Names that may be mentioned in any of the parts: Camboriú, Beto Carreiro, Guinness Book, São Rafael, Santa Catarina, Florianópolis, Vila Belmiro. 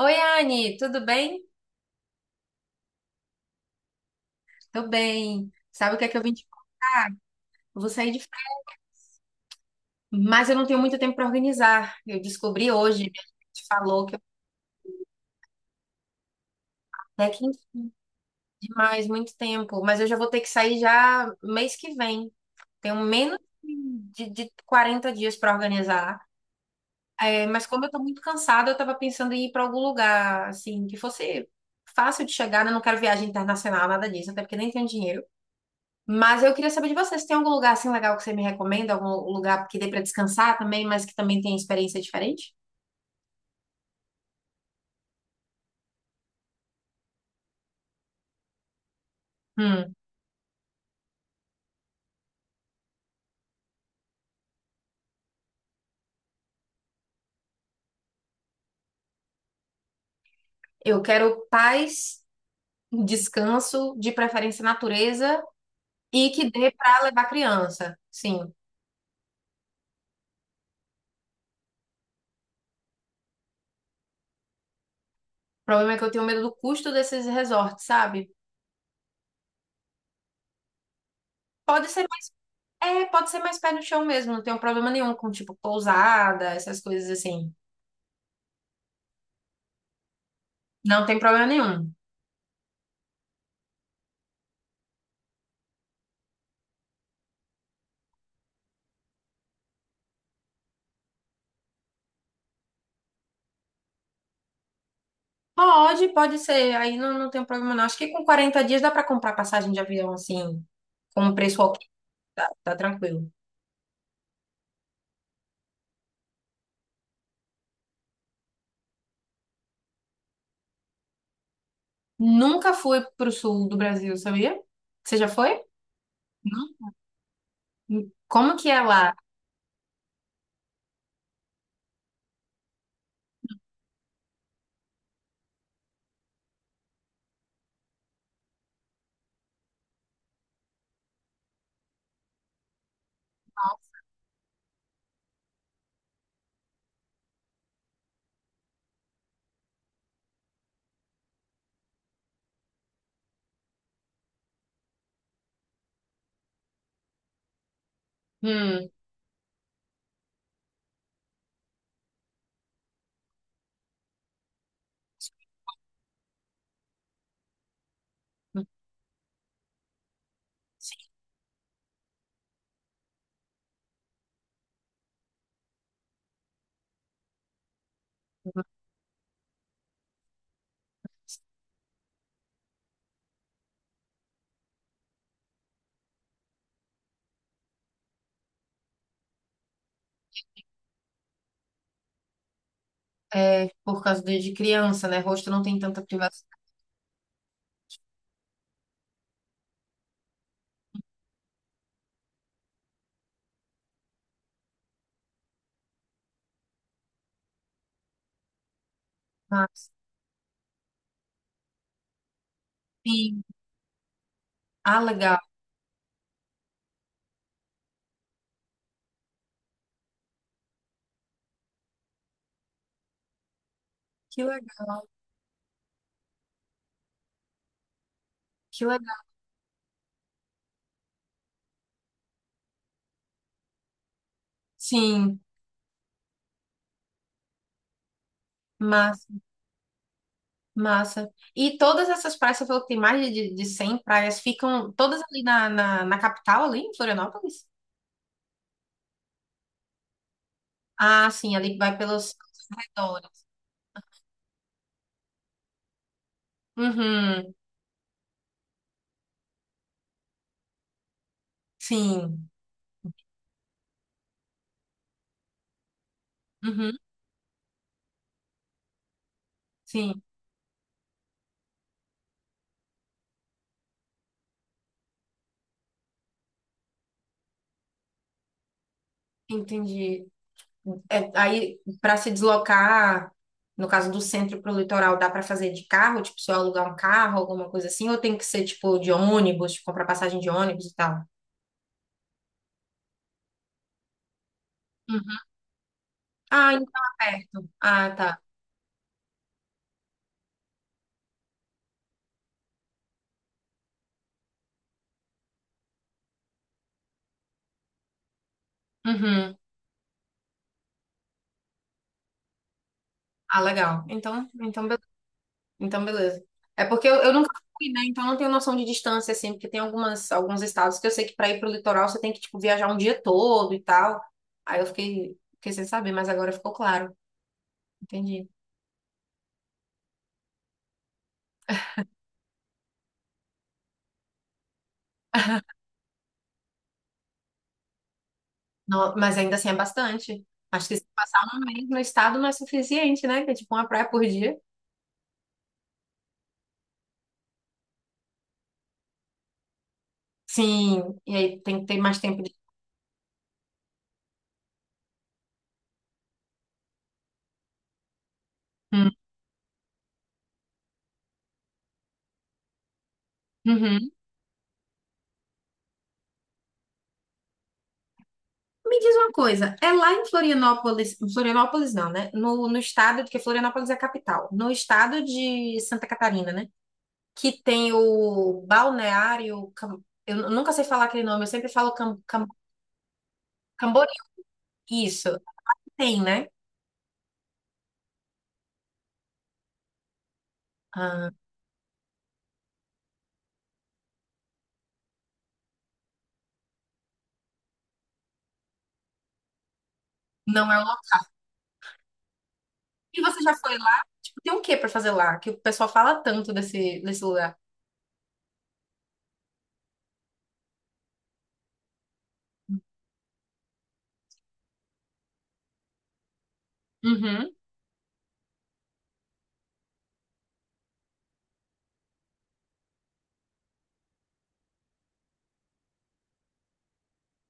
Oi, Anne, tudo bem? Tô bem. Sabe o que é que eu vim de... Eu vou sair de... Mas eu não tenho muito tempo para organizar. Eu descobri hoje, minha gente falou que eu... até que enfim, demais, muito tempo. Mas eu já vou ter que sair já mês que vem. Tenho menos de 40 dias para organizar. É, mas como eu tô muito cansada, eu tava pensando em ir para algum lugar, assim, que fosse fácil de chegar, né? Eu não quero viagem internacional, nada disso, até porque nem tenho dinheiro. Mas eu queria saber de você, se tem algum lugar assim legal que você me recomenda, algum lugar que dê para descansar também, mas que também tem experiência diferente? Hum, eu quero paz, descanso, de preferência natureza e que dê para levar criança. Sim. O problema é que eu tenho medo do custo desses resorts, sabe? Pode ser mais, é, pode ser mais pé no chão mesmo, não tenho problema nenhum com tipo pousada, essas coisas assim. Não tem problema nenhum. Pode ser. Aí não, não tem problema, não. Acho que com 40 dias dá para comprar passagem de avião, assim, com um preço ok. Tá, tá tranquilo. Nunca fui pro sul do Brasil, sabia? Você já foi? Não. Como que é lá? Hum, é por causa de criança, né? Rosto não tem tanta privacidade. Mas, sim. Ah, legal. Que legal. Que legal. Sim. mas Massa. E todas essas praias, você falou que tem mais de 100 praias, ficam todas ali na capital, ali em Florianópolis? Ah, sim, ali vai pelos arredores. Uhum, sim, uhum, sim, entendi. É, aí, para se deslocar, no caso do centro para o litoral, dá para fazer de carro? Tipo, se eu alugar um carro, alguma coisa assim? Ou tem que ser, tipo, de ônibus, tipo, comprar passagem de ônibus e tal? Uhum. Ah, então é perto. Ah, tá. Uhum. Ah, legal. Então, então, beleza. Então, beleza. É porque eu nunca fui, né? Então, eu não tenho noção de distância, assim, porque tem algumas, alguns estados que eu sei que para ir pro litoral você tem que, tipo, viajar um dia todo e tal. Aí eu fiquei, fiquei sem saber, mas agora ficou claro. Entendi. Não, mas ainda assim é bastante. Acho que se passar um mês no estado não é suficiente, né? Que é tipo uma praia por dia. Sim, e aí tem que ter mais tempo de. Hum. Uhum. Me diz uma coisa, é lá em Florianópolis, Florianópolis não, né? No, no estado, porque Florianópolis é a capital, no estado de Santa Catarina, né? que tem o balneário. Cam- Eu nunca sei falar aquele nome, eu sempre falo Camboriú. Isso, tem, né? Ah, não é o local. E você já foi lá? Tipo, tem o que pra fazer lá? Que o pessoal fala tanto desse, desse lugar. Uhum,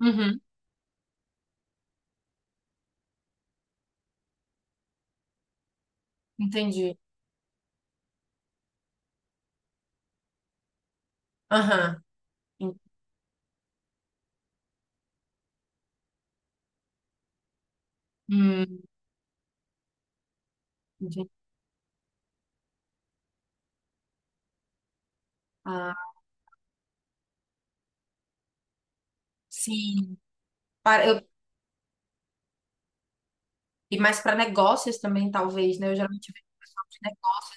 uhum, entendi. Aham, en- hum, entendi. Ah, sim. Para, eu, e mais para negócios também, talvez, né? Eu geralmente vejo pessoal de negócio.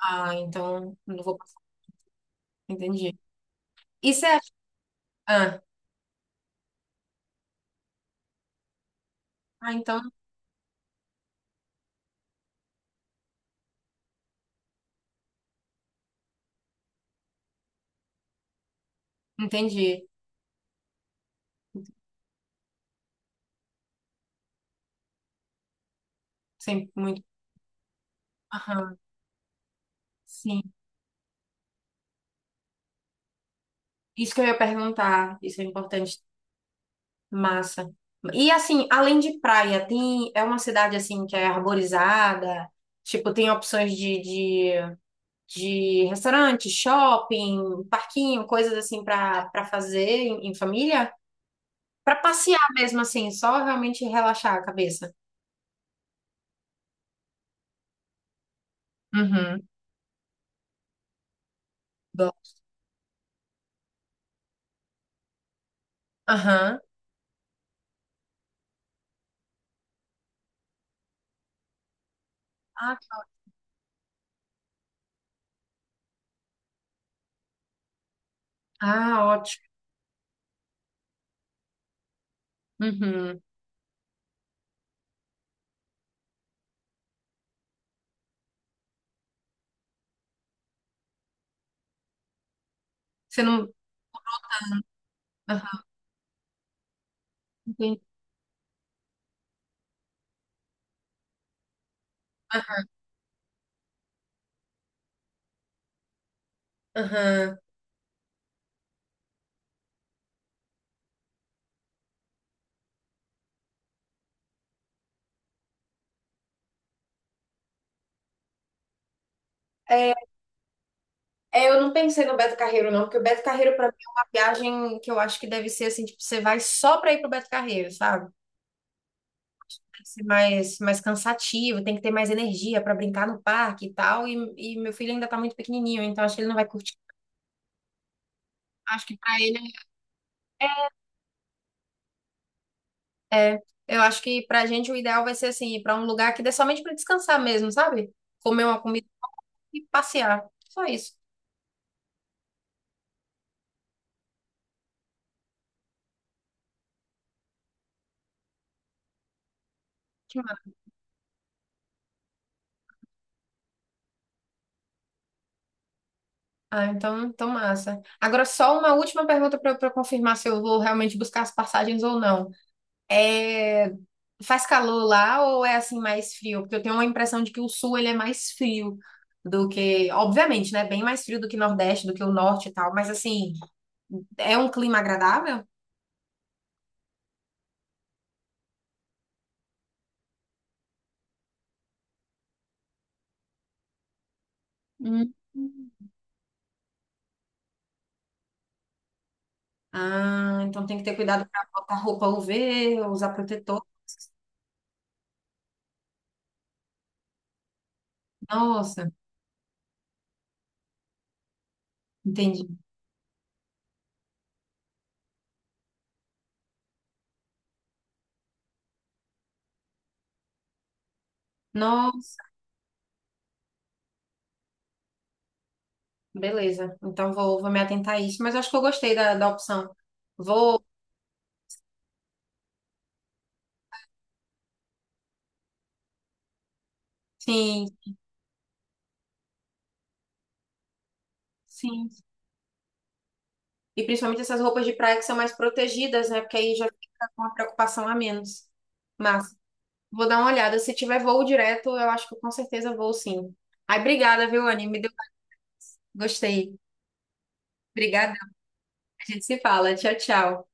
Ah, então, não vou passar. Entendi. Isso é. Ah, ah, então, entendi. Sim, muito. Sim, isso que eu ia perguntar, isso é importante. Massa. E assim, além de praia, tem é uma cidade assim que é arborizada, tipo, tem opções de restaurante, shopping, parquinho, coisas assim para fazer em família, para passear mesmo assim, só realmente relaxar a cabeça. Uhum. Bom. Aham. Ah, tá. ah, ótimo. Uhum. Você não. Aham. Entendi. Aham. É, eu não pensei no Beto Carreiro, não, porque o Beto Carreiro, pra mim, é uma viagem que eu acho que deve ser assim, tipo, você vai só pra ir pro Beto Carreiro, sabe? Tem que ser mais, mais cansativo, tem que ter mais energia pra brincar no parque e tal. E meu filho ainda tá muito pequenininho, então acho que ele não vai curtir. Acho que pra ele é. É, Eu acho que pra gente o ideal vai ser assim, ir pra um lugar que dê somente pra descansar mesmo, sabe? Comer uma comida e passear. Só isso. Que ma- Ah, então, então massa. Agora, só uma última pergunta pra eu confirmar se eu vou realmente buscar as passagens ou não. É, faz calor lá ou é assim mais frio? Porque eu tenho uma impressão de que o sul ele é mais frio do que, obviamente, né? Bem mais frio do que o Nordeste, do que o Norte e tal, mas assim, é um clima agradável? Hum. Ah, então tem que ter cuidado para botar roupa UV, usar protetor. Nossa, entendi. Nossa, beleza. Então vou, vou me atentar a isso, mas eu acho que eu gostei da, da opção. Vou, sim, sim. E principalmente essas roupas de praia que são mais protegidas, né? Porque aí já fica com uma preocupação a menos. Mas vou dar uma olhada. Se tiver voo direto, eu acho que eu com certeza vou sim. Ai, obrigada, viu, Anny? Me deu... Gostei. Obrigada. A gente se fala. Tchau, tchau.